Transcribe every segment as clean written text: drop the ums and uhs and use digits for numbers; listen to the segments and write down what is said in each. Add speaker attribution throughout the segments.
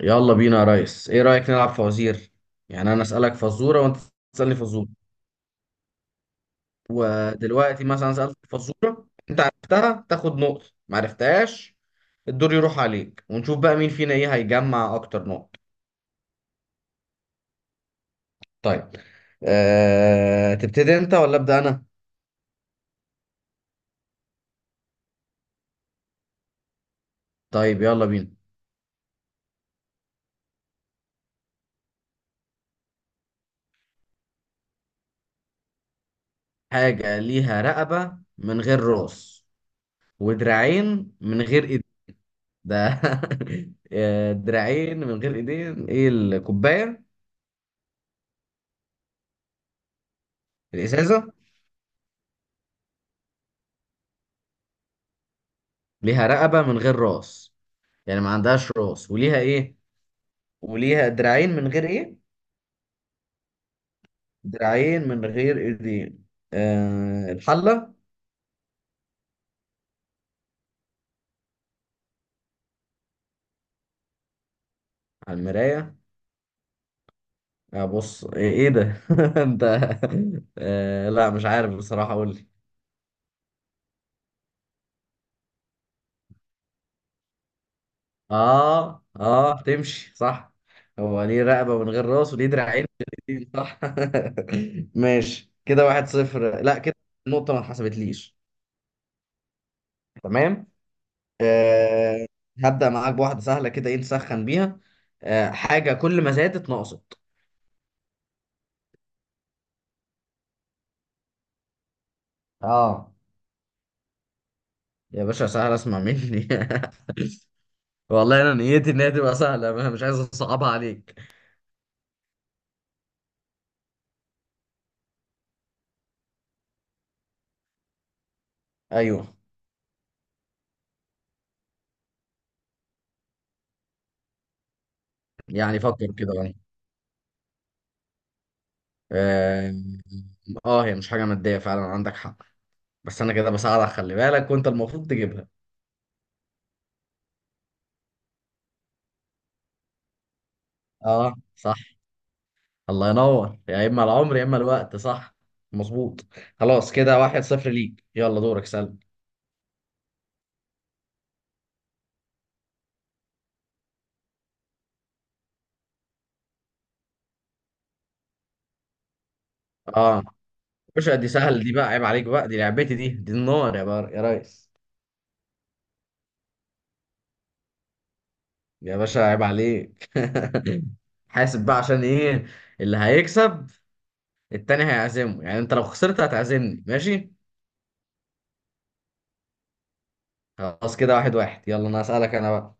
Speaker 1: يلا بينا يا ريس، ايه رأيك نلعب فوازير؟ يعني انا اسألك فزورة وانت تسألني فزورة. ودلوقتي مثلا سألت فزورة، انت عرفتها تاخد نقطة، ما عرفتهاش الدور يروح عليك، ونشوف بقى مين فينا ايه هيجمع اكتر نقط. طيب تبتدي انت ولا ابدأ انا؟ طيب يلا بينا. حاجة ليها رقبة من غير راس ودراعين من غير ايد. ده دراعين من غير ايدين؟ ايه، الكوباية؟ الازازة؟ ليها رقبة من غير راس؟ يعني ما عندهاش راس وليها ايه؟ وليها دراعين من غير ايه؟ دراعين من غير ايدين. آه، الحلة. على المراية؟ آه بص ايه، ده؟ انت. آه لا، مش عارف بصراحة، قول لي. اه اه، تمشي صح. هو ليه رقبة من غير راس وليه دراعين من غير ايدين، صح. ماشي، كده واحد صفر. لا كده النقطة ما اتحسبتليش. تمام. آه، هبدأ معاك بواحدة سهلة كده، ايه نسخن بيها. حاجة كل ما زادت نقصت. اه. يا باشا سهلة، اسمع مني. والله انا نيتي ان هي تبقى سهلة، انا مش عايز اصعبها عليك. ايوه، يعني فكر كده بقى. اه. هي مش حاجة مادية فعلا، عندك حق. بس انا كده بساعدك، خلي بالك، وانت المفروض تجيبها. اه صح. الله ينور، يا اما العمر يا اما الوقت، صح. مظبوط. خلاص كده واحد صفر ليك، يلا دورك سلم. اه. باشا دي سهل، دي بقى عيب عليك بقى، دي لعبتي دي، دي النار يا بار يا ريس. يا باشا عيب عليك. حاسب بقى، عشان ايه؟ اللي هيكسب التاني هيعزمه، يعني انت لو خسرت هتعزمني، ماشي. خلاص كده واحد واحد، يلا انا هسألك انا بقى.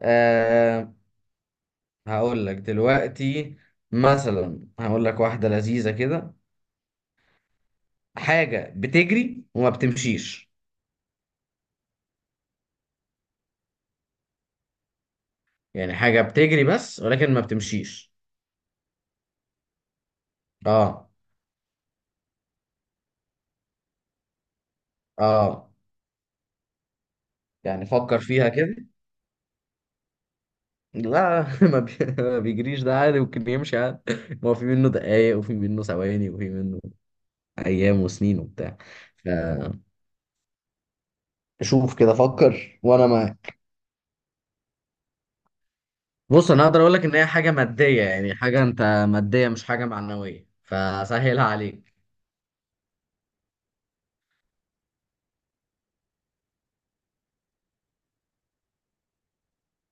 Speaker 1: أه. هقول لك دلوقتي مثلا، هقول لك واحدة لذيذة كده. حاجة بتجري وما بتمشيش. يعني حاجة بتجري بس، ولكن ما بتمشيش. اه اه. يعني فكر فيها كده. لا ما بيجريش، ده عادي ممكن يمشي عادي. ما هو في منه دقايق وفي منه ثواني وفي منه ايام وسنين وبتاع. فشوف كده، فكر وانا معاك. بص انا اقدر اقول لك ان هي حاجه ماديه، يعني حاجه ماديه مش حاجه معنويه، فسهلها عليك.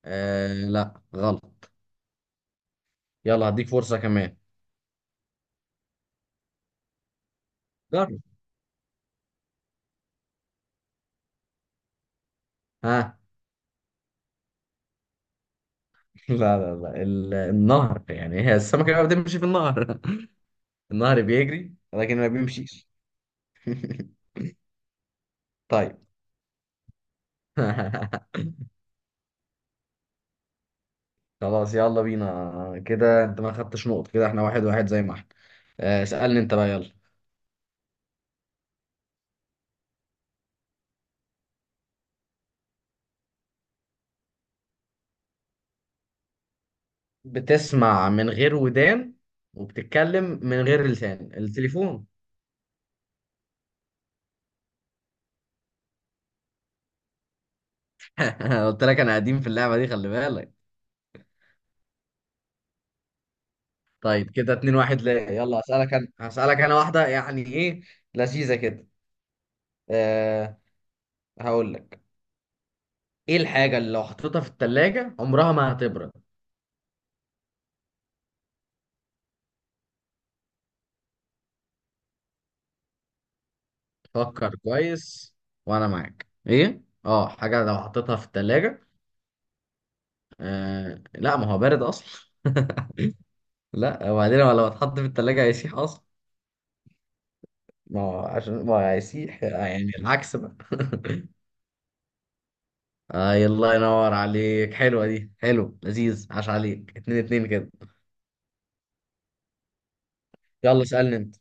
Speaker 1: آه لا غلط. يلا هديك فرصه كمان. جرب. ها. لا لا لا، النهر يعني. هي السمكه بقى بتمشي في النهر. النهر بيجري لكن ما بيمشيش. طيب. خلاص يلا بينا، كده انت ما خدتش نقط، كده احنا واحد واحد زي ما احنا. اسألني انت بقى يلا. بتسمع من غير ودان وبتتكلم من غير لسان، التليفون. قلت لك انا قديم في اللعبة دي، خلي بالك. طيب كده اتنين واحد ليه، يلا اسألك انا، هسألك انا واحدة يعني ايه لذيذة كده. أه. هقول لك. ايه الحاجة اللي لو حطيتها في التلاجة عمرها ما هتبرد؟ فكر كويس وانا معاك. ايه، اه، حاجة لو حطيتها في التلاجة. أه لا، ما هو بارد اصلا. لا وبعدين هو لو اتحط في التلاجة هيسيح اصلا. ما هو عشان ما هو هيسيح، يعني العكس بقى. آه الله ينور عليك، حلوة دي، حلو لذيذ، عاش عليك، اتنين اتنين كده. يلا اسألني انت.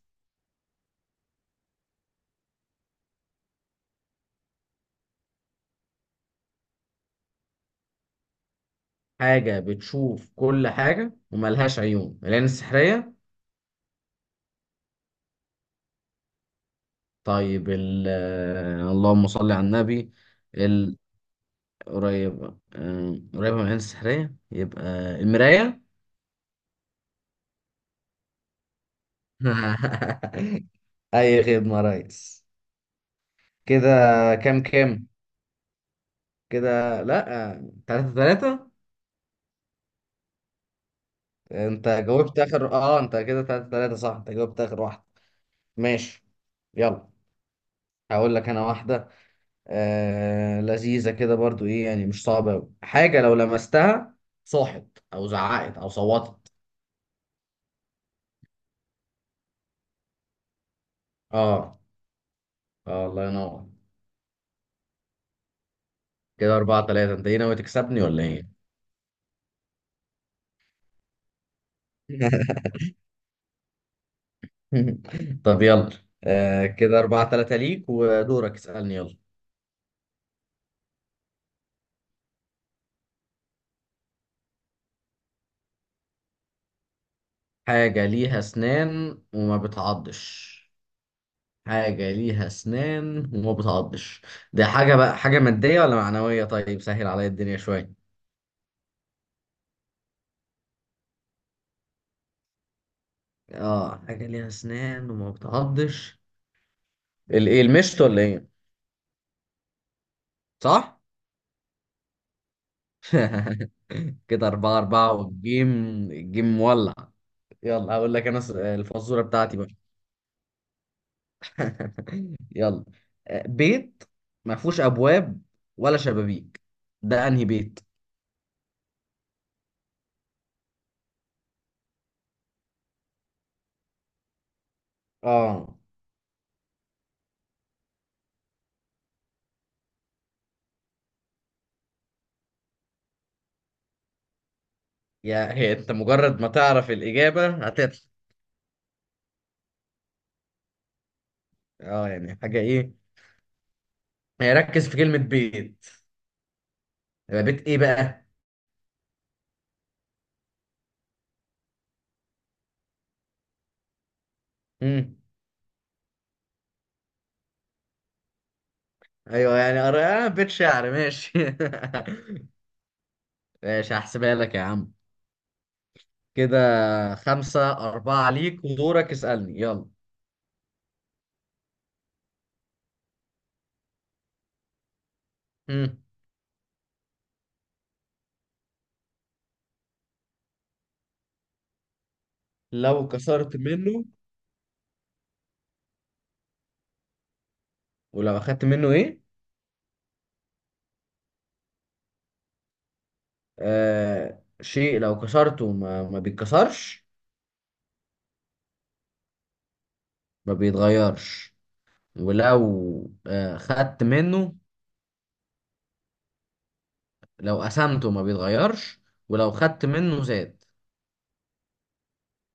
Speaker 1: حاجة بتشوف كل حاجة وملهاش عيون، العين السحرية. طيب ال. اللهم صل على النبي. ال- قريب. قريبة من العين السحرية، يبقى المراية. أي خدمة يا ريس. كده كام كام؟ كده لا، تلاتة تلاتة. انت جاوبت اخر، اه انت كده تلاتة تلاتة صح، انت جاوبت اخر واحدة. ماشي. يلا هقول لك انا واحدة. لذيذة كده برضو، ايه يعني مش صعبة أوي. حاجة لو لمستها صاحت او زعقت او صوتت. اه. اه الله ينور. كده اربعة تلاتة، انت ايه ناوي تكسبني ولا ايه؟ طب يلا. كده اربعة تلاتة ليك، ودورك اسألني يلا. حاجة ليها اسنان وما بتعضش. حاجة ليها أسنان وما بتعضش. ده حاجة بقى، حاجة مادية ولا معنوية؟ طيب سهل عليا الدنيا شوية. اه، حاجة ليها أسنان وما بتعضش، الإيه، المشط ولا إيه؟ صح. كده أربعة أربعة، والجيم الجيم مولع. يلا هقول لك أنا، الفزورة بتاعتي بقى. يلا. بيت ما فيهوش أبواب ولا شبابيك، ده أنهي بيت؟ اه. يا هي، أنت مجرد ما تعرف الإجابة هتضحك. اه يعني حاجة ايه، يعني ركز في كلمة بيت، يبقى بيت ايه بقى؟ مم. ايوه يعني آه بيت شعر، ماشي. ماشي هحسبها لك يا عم. كده خمسة أربعة ليك، ودورك اسألني يلا. مم. لو كسرت منه، ولو أخدت منه ايه؟ آه، شيء لو كسرته ما بيتكسرش، ما بيتغيرش. ولو آه خدت منه، لو قسمته ما بيتغيرش، ولو خدت منه زاد.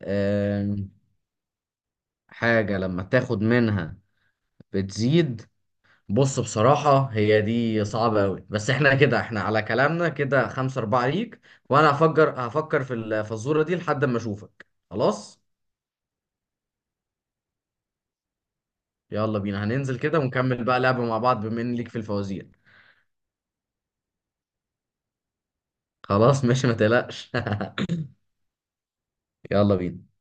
Speaker 1: آه. حاجة لما تاخد منها بتزيد. بص بصراحة هي دي صعبة أوي، بس احنا كده احنا على كلامنا، كده خمسة أربعة ليك، وأنا هفكر في الفزورة دي لحد ما أشوفك، خلاص. يلا بينا، هننزل كده ونكمل بقى لعبة مع بعض بما إن ليك في الفوازير. خلاص ماشي، ما تقلقش. يلا بينا.